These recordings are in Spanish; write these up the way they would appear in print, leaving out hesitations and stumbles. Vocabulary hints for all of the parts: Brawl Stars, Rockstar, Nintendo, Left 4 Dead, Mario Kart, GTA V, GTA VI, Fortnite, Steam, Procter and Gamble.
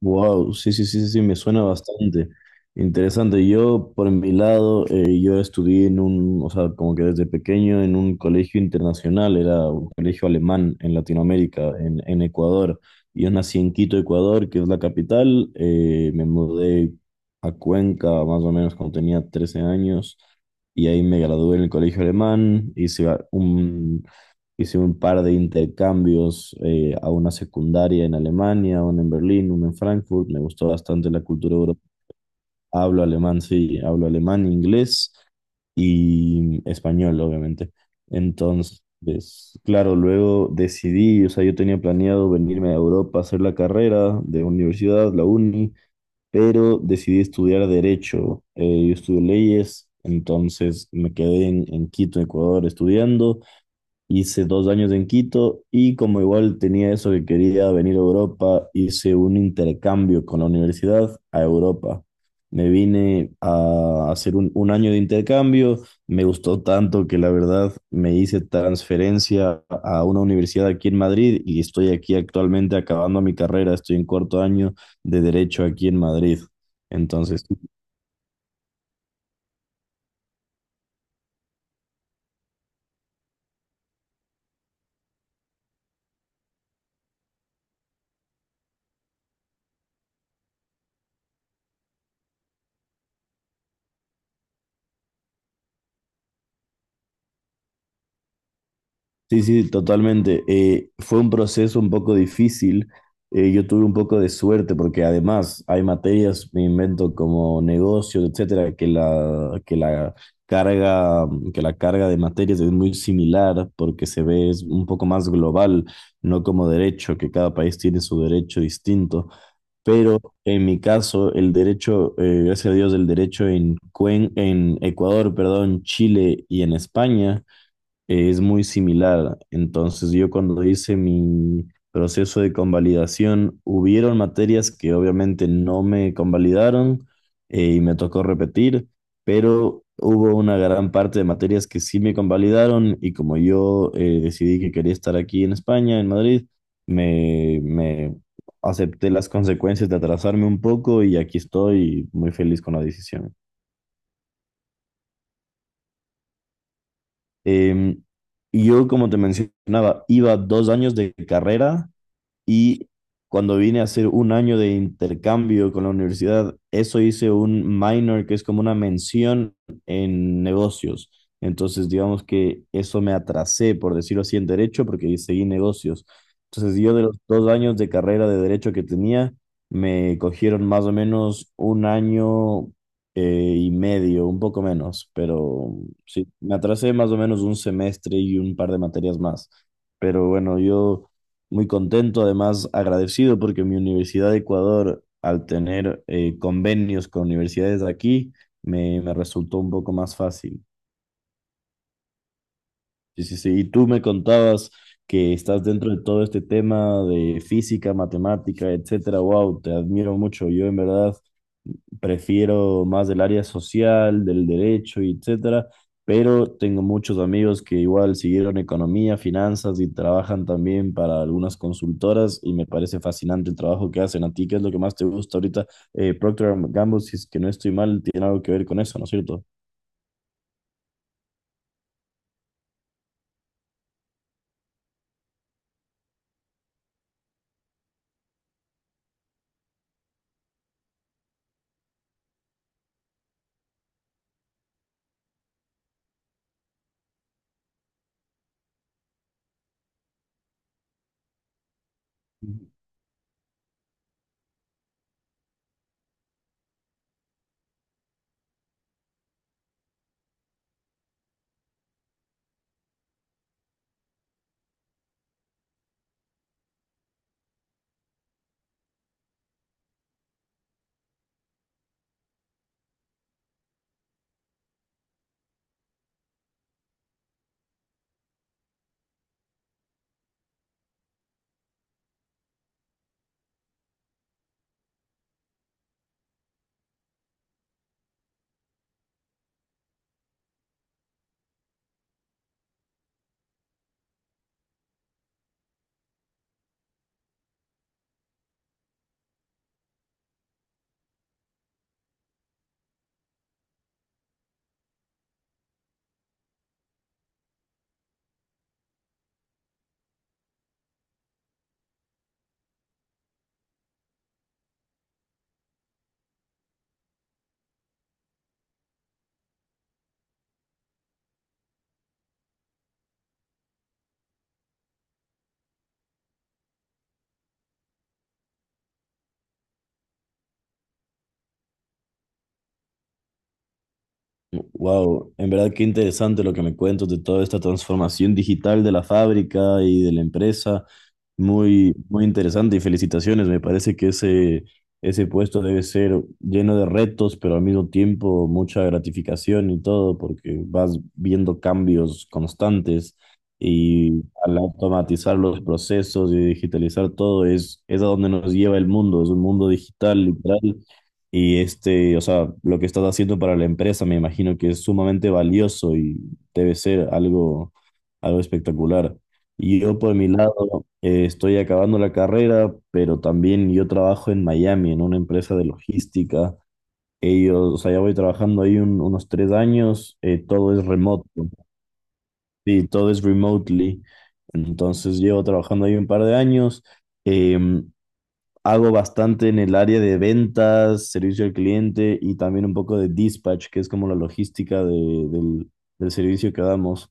Wow, sí, sí, sí, sí, sí, me suena bastante interesante. Yo, por mi lado, yo estudié en un, o sea, como que desde pequeño en un colegio internacional, era un colegio alemán en Latinoamérica, en Ecuador. Yo nací en Quito, Ecuador, que es la capital. Me mudé a Cuenca más o menos cuando tenía 13 años y ahí me gradué en el colegio alemán. Hice un par de intercambios a una secundaria en Alemania, una en Berlín, una en Frankfurt. Me gustó bastante la cultura europea. Hablo alemán, sí, hablo alemán, inglés y español, obviamente. Entonces, claro, luego decidí, o sea, yo tenía planeado venirme a Europa a hacer la carrera de universidad, la uni, pero decidí estudiar derecho. Yo estudio leyes, entonces me quedé en Quito, Ecuador, estudiando. Hice dos años en Quito y como igual tenía eso que quería venir a Europa, hice un intercambio con la universidad a Europa. Me vine a hacer un año de intercambio, me gustó tanto que la verdad me hice transferencia a una universidad aquí en Madrid y estoy aquí actualmente acabando mi carrera, estoy en cuarto año de derecho aquí en Madrid. Entonces, sí, sí, totalmente. Fue un proceso un poco difícil. Yo tuve un poco de suerte porque además hay materias, me invento como negocio, etcétera, que la carga de materias es muy similar porque se ve es un poco más global, no como derecho, que cada país tiene su derecho distinto. Pero en mi caso, el derecho, gracias a Dios, el derecho en Ecuador, perdón, Chile y en España es muy similar. Entonces, yo cuando hice mi proceso de convalidación, hubieron materias que obviamente no me convalidaron y me tocó repetir, pero hubo una gran parte de materias que sí me convalidaron y como yo decidí que quería estar aquí en España, en Madrid, me acepté las consecuencias de atrasarme un poco y aquí estoy muy feliz con la decisión. Em, y yo, como te mencionaba, iba dos años de carrera y cuando vine a hacer un año de intercambio con la universidad, eso hice un minor que es como una mención en negocios. Entonces, digamos que eso me atrasé, por decirlo así, en derecho, porque seguí negocios. Entonces, yo de los dos años de carrera de derecho que tenía, me cogieron más o menos un año y medio, un poco menos, pero sí, me atrasé más o menos un semestre y un par de materias más. Pero bueno, yo... muy contento, además agradecido porque mi Universidad de Ecuador, al tener convenios con universidades de aquí, me resultó un poco más fácil. Sí, sí, sí. Y tú me contabas que estás dentro de todo este tema de física, matemática, etcétera. Wow, te admiro mucho. Yo en verdad prefiero más del área social, del derecho, y etcétera. Pero tengo muchos amigos que igual siguieron economía, finanzas y trabajan también para algunas consultoras y me parece fascinante el trabajo que hacen. ¿A ti qué es lo que más te gusta ahorita? Procter and Gamble, si es que no estoy mal, tiene algo que ver con eso, ¿no es cierto? Wow, en verdad qué interesante lo que me cuentas de toda esta transformación digital de la fábrica y de la empresa. Muy, muy interesante y felicitaciones. Me parece que ese puesto debe ser lleno de retos, pero al mismo tiempo mucha gratificación y todo, porque vas viendo cambios constantes y al automatizar los procesos y digitalizar todo es a donde nos lleva el mundo. Es un mundo digital, literal y este, o sea, lo que estás haciendo para la empresa me imagino que es sumamente valioso y debe ser algo espectacular. Y yo por mi lado estoy acabando la carrera, pero también yo trabajo en Miami, en una empresa de logística. Ellos, o sea, ya voy trabajando ahí unos 3 años, todo es remoto, sí, todo es remotely. Entonces llevo trabajando ahí un par de años. Eh, Hago bastante en el área de ventas, servicio al cliente y también un poco de dispatch, que es como la logística del servicio que damos.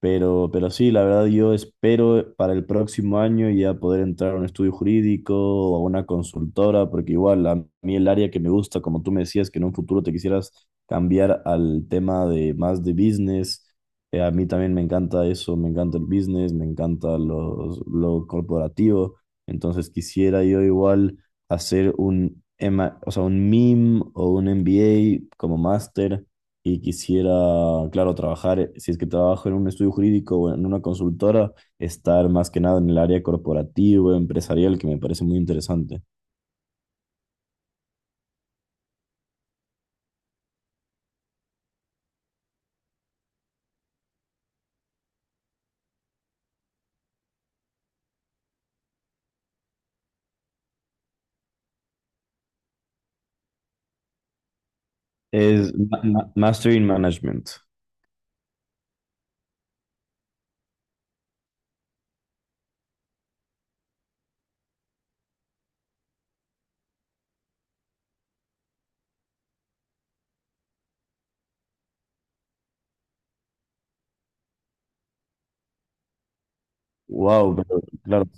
Pero sí, la verdad yo espero para el próximo año ya poder entrar a un estudio jurídico o a una consultora, porque igual a mí el área que me gusta, como tú me decías, que en un futuro te quisieras cambiar al tema de más de business, a mí también me encanta eso, me encanta el business, me encanta lo corporativo, entonces quisiera yo igual hacer un MA, o sea, un MIM o un MBA como máster y quisiera, claro, trabajar, si es que trabajo en un estudio jurídico o en una consultora, estar más que nada en el área corporativa, empresarial, que me parece muy interesante. Es Master in Management. Wow, pero claro.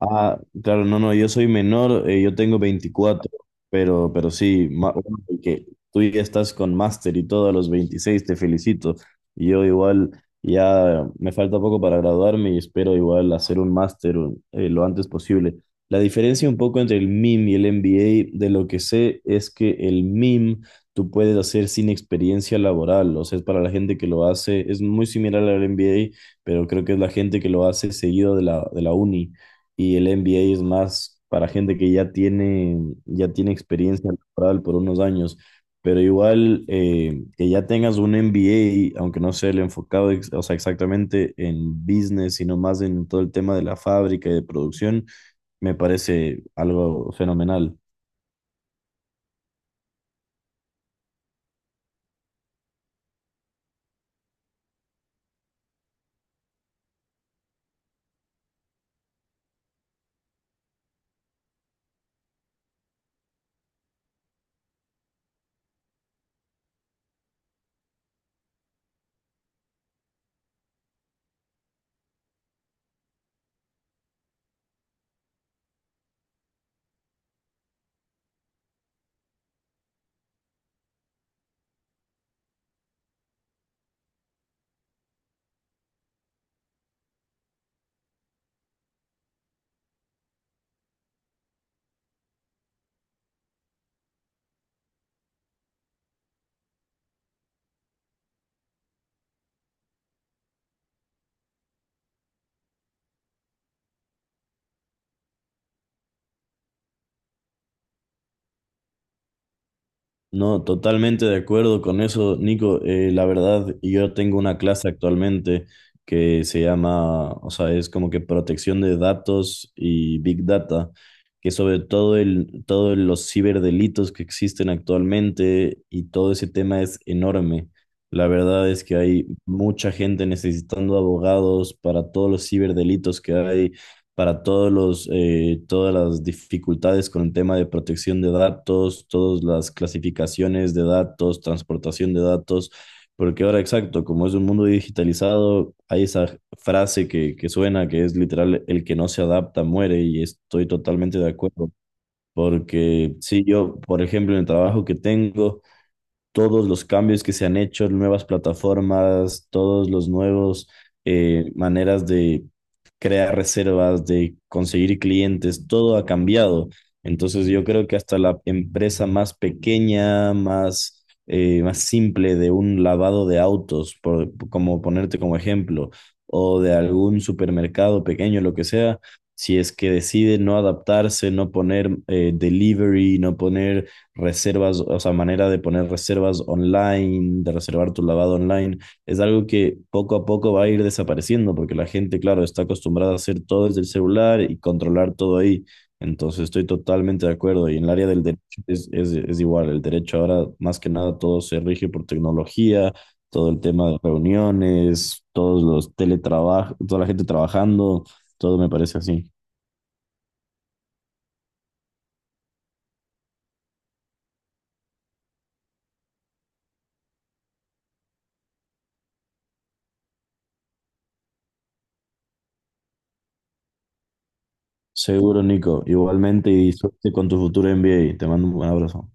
Ah, claro, no, no, yo soy menor, yo tengo 24, pero sí, bueno, que tú ya estás con máster y todo a los 26, te felicito. Y yo igual ya me falta poco para graduarme y espero igual hacer un máster lo antes posible. La diferencia un poco entre el MIM y el MBA, de lo que sé, es que el MIM tú puedes hacer sin experiencia laboral, o sea, es para la gente que lo hace, es muy similar al MBA, pero creo que es la gente que lo hace seguido de la uni y el MBA es más para gente que ya tiene experiencia laboral por unos años, pero igual que ya tengas un MBA, aunque no sea el enfocado, o sea, exactamente en business, sino más en todo el tema de la fábrica y de producción, me parece algo fenomenal. No, totalmente de acuerdo con eso, Nico. La verdad, yo tengo una clase actualmente que se llama, o sea, es como que protección de datos y Big Data, que sobre todo todos los ciberdelitos que existen actualmente y todo ese tema es enorme. La verdad es que hay mucha gente necesitando abogados para todos los ciberdelitos que hay para todos todas las dificultades con el tema de protección de datos, todas las clasificaciones de datos, transportación de datos, porque ahora exacto, como es un mundo digitalizado, hay esa frase que suena, que es literal, el que no se adapta muere, y estoy totalmente de acuerdo, porque si yo, por ejemplo, en el trabajo que tengo, todos los cambios que se han hecho, nuevas plataformas, todos los nuevos maneras de crear reservas, de conseguir clientes, todo ha cambiado. Entonces yo creo que hasta la empresa más pequeña, más simple de un lavado de autos, por, como ponerte como ejemplo, o de algún supermercado pequeño, lo que sea, si es que decide no adaptarse, no poner delivery, no poner reservas, o sea, manera de poner reservas online, de reservar tu lavado online, es algo que poco a poco va a ir desapareciendo porque la gente, claro, está acostumbrada a hacer todo desde el celular y controlar todo ahí. Entonces estoy totalmente de acuerdo y en el área del derecho es igual, el derecho ahora más que nada todo se rige por tecnología, todo el tema de reuniones, todos los teletrabajos, toda la gente trabajando, todo me parece así. Seguro, Nico. Igualmente y suerte con tu futuro MBA. Te mando un abrazo.